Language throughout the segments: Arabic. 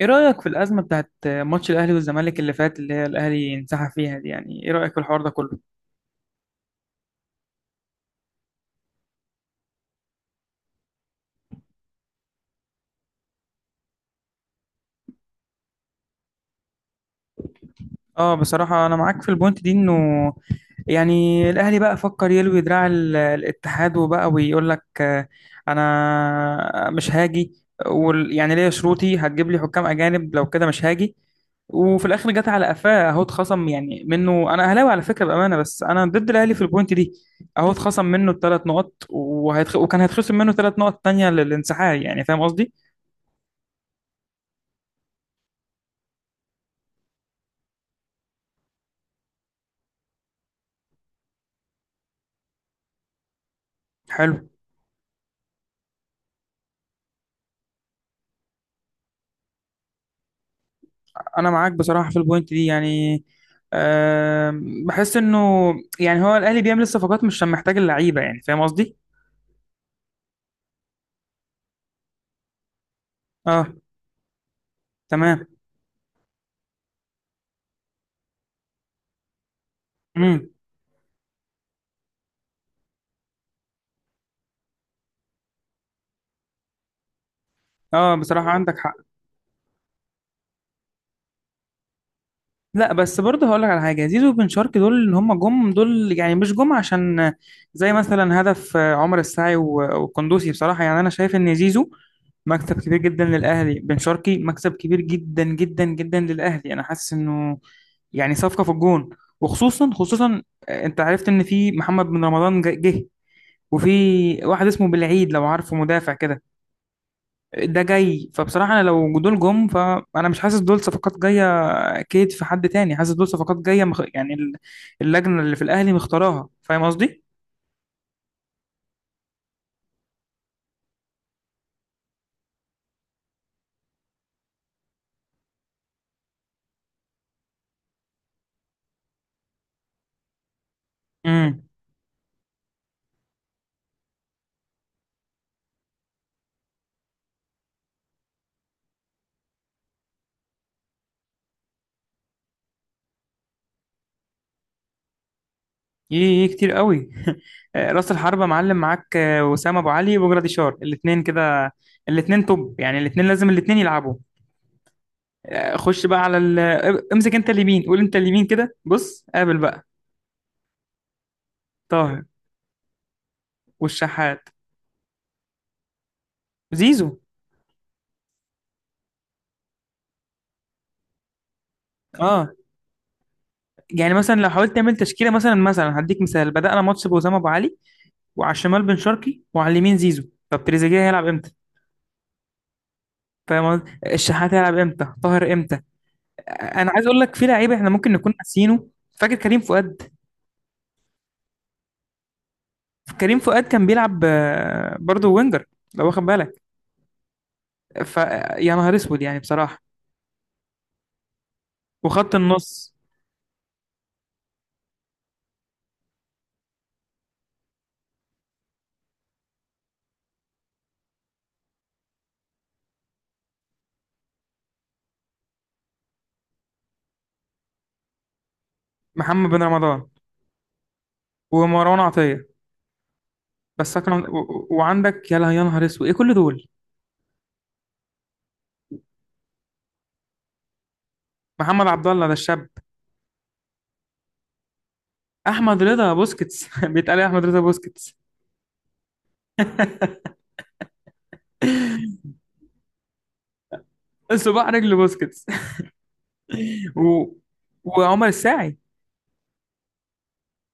ايه رأيك في الأزمة بتاعت ماتش الأهلي والزمالك اللي فات، اللي هي الأهلي انسحب فيها دي؟ يعني ايه رأيك في الحوار ده كله؟ اه، بصراحة أنا معاك في البوينت دي. إنه يعني الأهلي بقى فكر يلوي دراع الاتحاد، وبقى ويقول لك، أنا مش هاجي. يعني ليا شروطي، هتجيب لي حكام أجانب، لو كده مش هاجي. وفي الآخر جت على قفاه، أهو اتخصم يعني منه. أنا أهلاوي على فكرة بأمانة، بس أنا ضد الأهلي في البوينت دي. أهو اتخصم منه الثلاث نقط، وكان هيتخصم منه ثلاث نقط تانية للانسحاب، يعني فاهم قصدي؟ حلو. انا معاك بصراحه في البوينت دي، يعني بحس انه يعني هو الاهلي بيعمل الصفقات مش عشان محتاج اللعيبه، يعني فاهم قصدي. اه. تمام. امم. اه، بصراحه عندك حق. لا بس برضه هقول لك على حاجه، زيزو وبن شرقي دول، اللي هم جم دول يعني مش جم عشان زي مثلا هدف عمر السعي والقندوسي. بصراحه يعني انا شايف ان زيزو مكسب كبير جدا للأهلي، بن شرقي مكسب كبير جدا جدا جدا للأهلي، أنا حاسس إنه يعني صفقة في الجون. وخصوصا خصوصا أنت عرفت إن في محمد بن رمضان جه، وفي واحد اسمه بالعيد، لو عارفه، مدافع كده، ده جاي. فبصراحة أنا لو دول جم، فأنا مش حاسس دول صفقات جاية. أكيد في حد تاني حاسس دول صفقات جاية، يعني اللجنة اللي في الأهلي مختاراها. فاهم قصدي؟ مم. ايه، إيه، إيه، كتير قوي. راس الحربة معلم، معاك وسام ابو علي وبجرادي شار، الاثنين كده، الاثنين توب، يعني الاثنين لازم الاثنين يلعبوا. آه، خش بقى على ال... آه، امسك انت اليمين، قول انت اليمين كده، بص قابل بقى. طاهر. والشحات. زيزو. اه. يعني مثلا لو حاولت تعمل تشكيله، مثلا هديك مثال، بدأنا ماتش بوسام ابو علي، وعلى الشمال بن شرقي، وعلى اليمين زيزو. طب تريزيجيه هيلعب امتى؟ فاهم قصدي؟ الشحات هيلعب امتى؟ طاهر امتى؟ آه، انا عايز اقول لك في لعيبه احنا ممكن نكون ناسيينه، فاكر كريم فؤاد؟ كريم فؤاد كان بيلعب برضه وينجر، لو واخد بالك. ف يا نهار اسود يعني بصراحه. وخط النص: محمد بن رمضان، ومروان عطيه، بس أكرم وعندك، يا نهار اسود، ايه كل دول؟ محمد عبد الله ده الشاب. احمد رضا بوسكيتس بيتقال إيه؟ احمد رضا بوسكيتس. صباع رجل بوسكيتس. و... وعمر الساعي.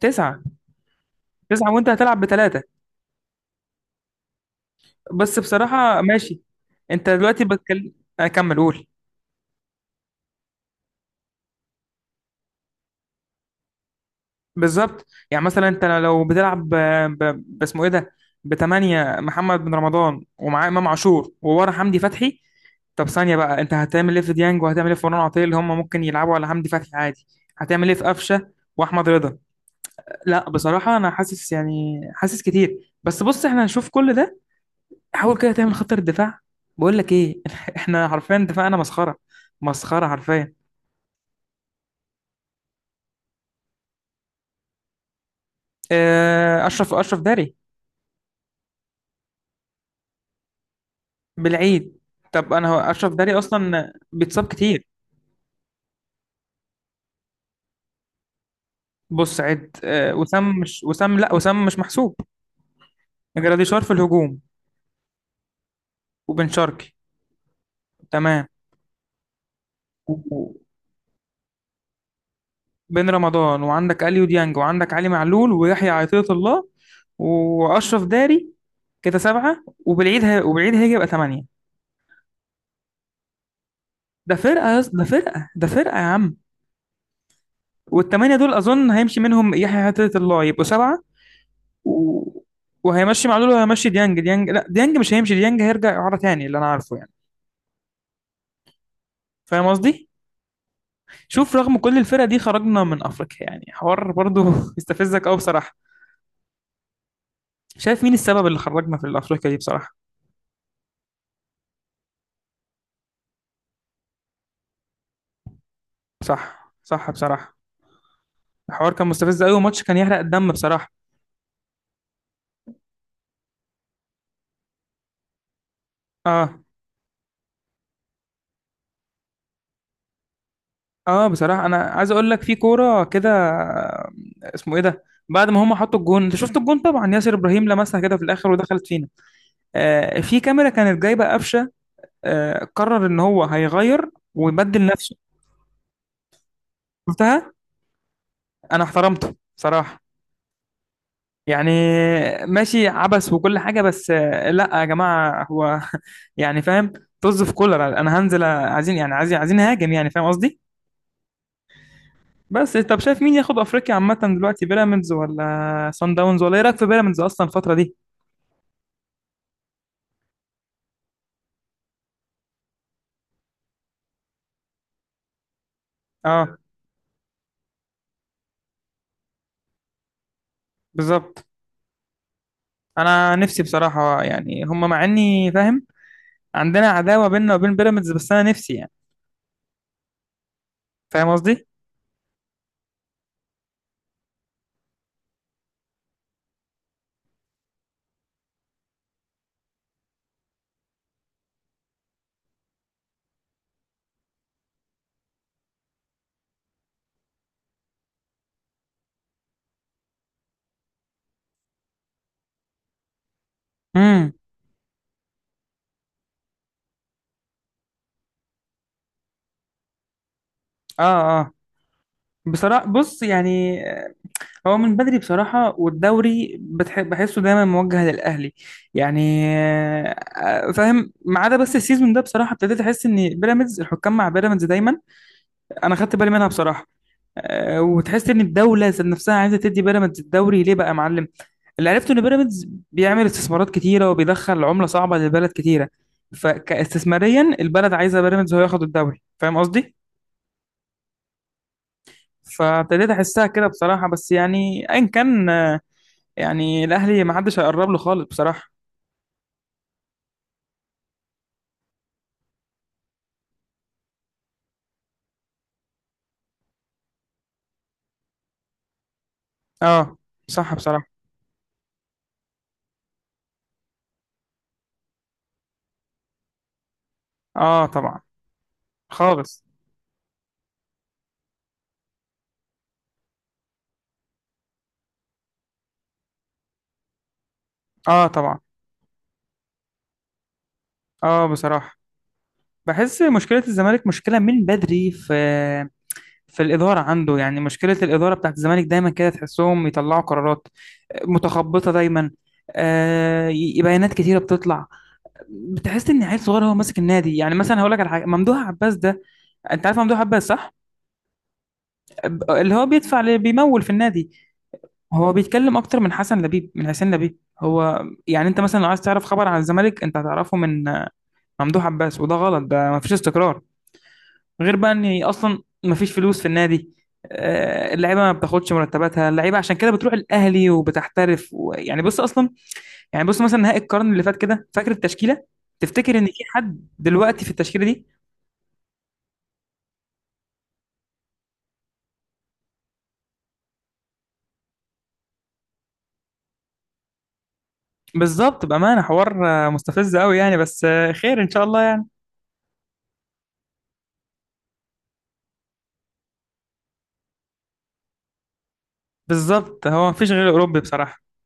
تسعة. تسعة وانت هتلعب بثلاثة؟ بس بصراحة ماشي. انت دلوقتي بتكلم، اكمل قول. بالظبط. يعني مثلا انت لو بتلعب باسمه ايه ده، بتمانية، محمد بن رمضان ومعاه امام عاشور وورا حمدي فتحي. طب ثانية بقى، انت هتعمل ايه في ديانج؟ وهتعمل ايه في مروان عطية؟ اللي هم ممكن يلعبوا على حمدي فتحي عادي. هتعمل ايه في قفشة واحمد رضا؟ لا بصراحة انا حاسس، يعني حاسس كتير، بس بص احنا هنشوف كل ده. حاول كده تعمل خطة الدفاع. بقول لك ايه؟ احنا حرفيا دفاعنا مسخرة، مسخرة حرفيا. اه، اشرف داري. بالعيد. طب انا، هو اشرف داري اصلا بيتصاب كتير. بص عد، وسام، مش وسام، لا وسام مش محسوب. جراديشار في الهجوم، وبن شرقي. تمام. وبن رمضان، وعندك اليو ديانج، وعندك علي معلول، ويحيى عطية الله، واشرف داري، كده سبعة. وبالعيد هيجي، يبقى ثمانية. ده فرقة يا اسطى، ده فرقة، ده فرقة يا عم. والثمانية دول أظن هيمشي منهم يحيى عطية الله، يبقوا سبعة و... وهيمشي معلول، وهيمشي ديانج لا، ديانج مش هيمشي، ديانج هيرجع إعارة تاني، اللي أنا عارفه يعني. فاهم قصدي؟ شوف رغم كل الفرق دي خرجنا من أفريقيا، يعني حوار برضو يستفزك أوي بصراحة. شايف مين السبب اللي خرجنا في أفريقيا دي بصراحة؟ صح، صح بصراحة. الحوار كان مستفز أوي، وماتش كان يحرق الدم بصراحة. اه. اه، بصراحة أنا عايز أقول لك في كورة كده، اسمه إيه ده؟ بعد ما هم حطوا الجون، انت شفت الجون طبعا، ياسر ابراهيم لمسها كده في الاخر ودخلت فينا. آه، في كاميرا كانت جايبه قفشه، قرر ان هو هيغير ويبدل نفسه. شفتها؟ انا احترمته صراحة. يعني ماشي عبث وكل حاجة، بس لا يا جماعة، هو يعني فاهم، طز في كولر، انا هنزل. عايزين يعني، عايزين، عايزين هاجم، يعني فاهم قصدي. بس طب شايف مين ياخد افريقيا عامة دلوقتي؟ بيراميدز ولا سان داونز؟ ولا ايه رايك في بيراميدز اصلا الفترة دي؟ اه. بالظبط. انا نفسي بصراحة يعني هم، مع اني فاهم عندنا عداوة بيننا وبين بيراميدز، بس انا نفسي يعني، فاهم قصدي. امم. اه. اه بصراحة بص يعني، هو من بدري بصراحة، والدوري بحسه دايما موجه للأهلي، يعني. فاهم، ما عدا بس السيزون ده بصراحة ابتديت أحس إن بيراميدز، الحكام مع بيراميدز دايما. أنا خدت بالي منها بصراحة. وتحس إن الدولة ذات نفسها عايزة تدي بيراميدز الدوري. ليه بقى يا معلم؟ اللي عرفته إن بيراميدز بيعمل استثمارات كتيرة، وبيدخل عملة صعبة للبلد كتيرة، فكاستثماريا البلد عايزة بيراميدز هو ياخد الدوري، فاهم قصدي؟ فابتديت أحسها كده بصراحة، بس يعني أيا كان، يعني الاهلي ما حدش هيقرب له خالص بصراحه. اه صح بصراحه. اه طبعا. خالص. اه طبعا. اه بصراحه. بحس مشكله الزمالك، مشكله من بدري في الاداره عنده، يعني مشكله الاداره بتاعت الزمالك دايما كده، تحسهم يطلعوا قرارات متخبطه دايما. بيانات كتيره بتطلع، بتحس ان عيل صغير هو ماسك النادي. يعني مثلا هقول لك على حاجه، ممدوح عباس ده، انت عارف ممدوح عباس صح؟ اللي هو بيدفع، اللي بيمول في النادي، هو بيتكلم اكتر من حسن لبيب، من حسين لبيب. هو يعني انت مثلا لو عايز تعرف خبر عن الزمالك، انت هتعرفه من ممدوح عباس، وده غلط، ده مفيش استقرار. غير بقى ان اصلا مفيش فلوس في النادي، اللعيبه ما بتاخدش مرتباتها، اللعيبه عشان كده بتروح الاهلي وبتحترف، ويعني بص اصلا، يعني بص مثلا نهائي القرن اللي فات كده، فاكر التشكيله؟ تفتكر ان في حد دلوقتي في التشكيله دي؟ بالظبط. بامانه حوار مستفز قوي يعني، بس خير ان شاء الله يعني. بالظبط، هو مفيش غير اوروبي بصراحه.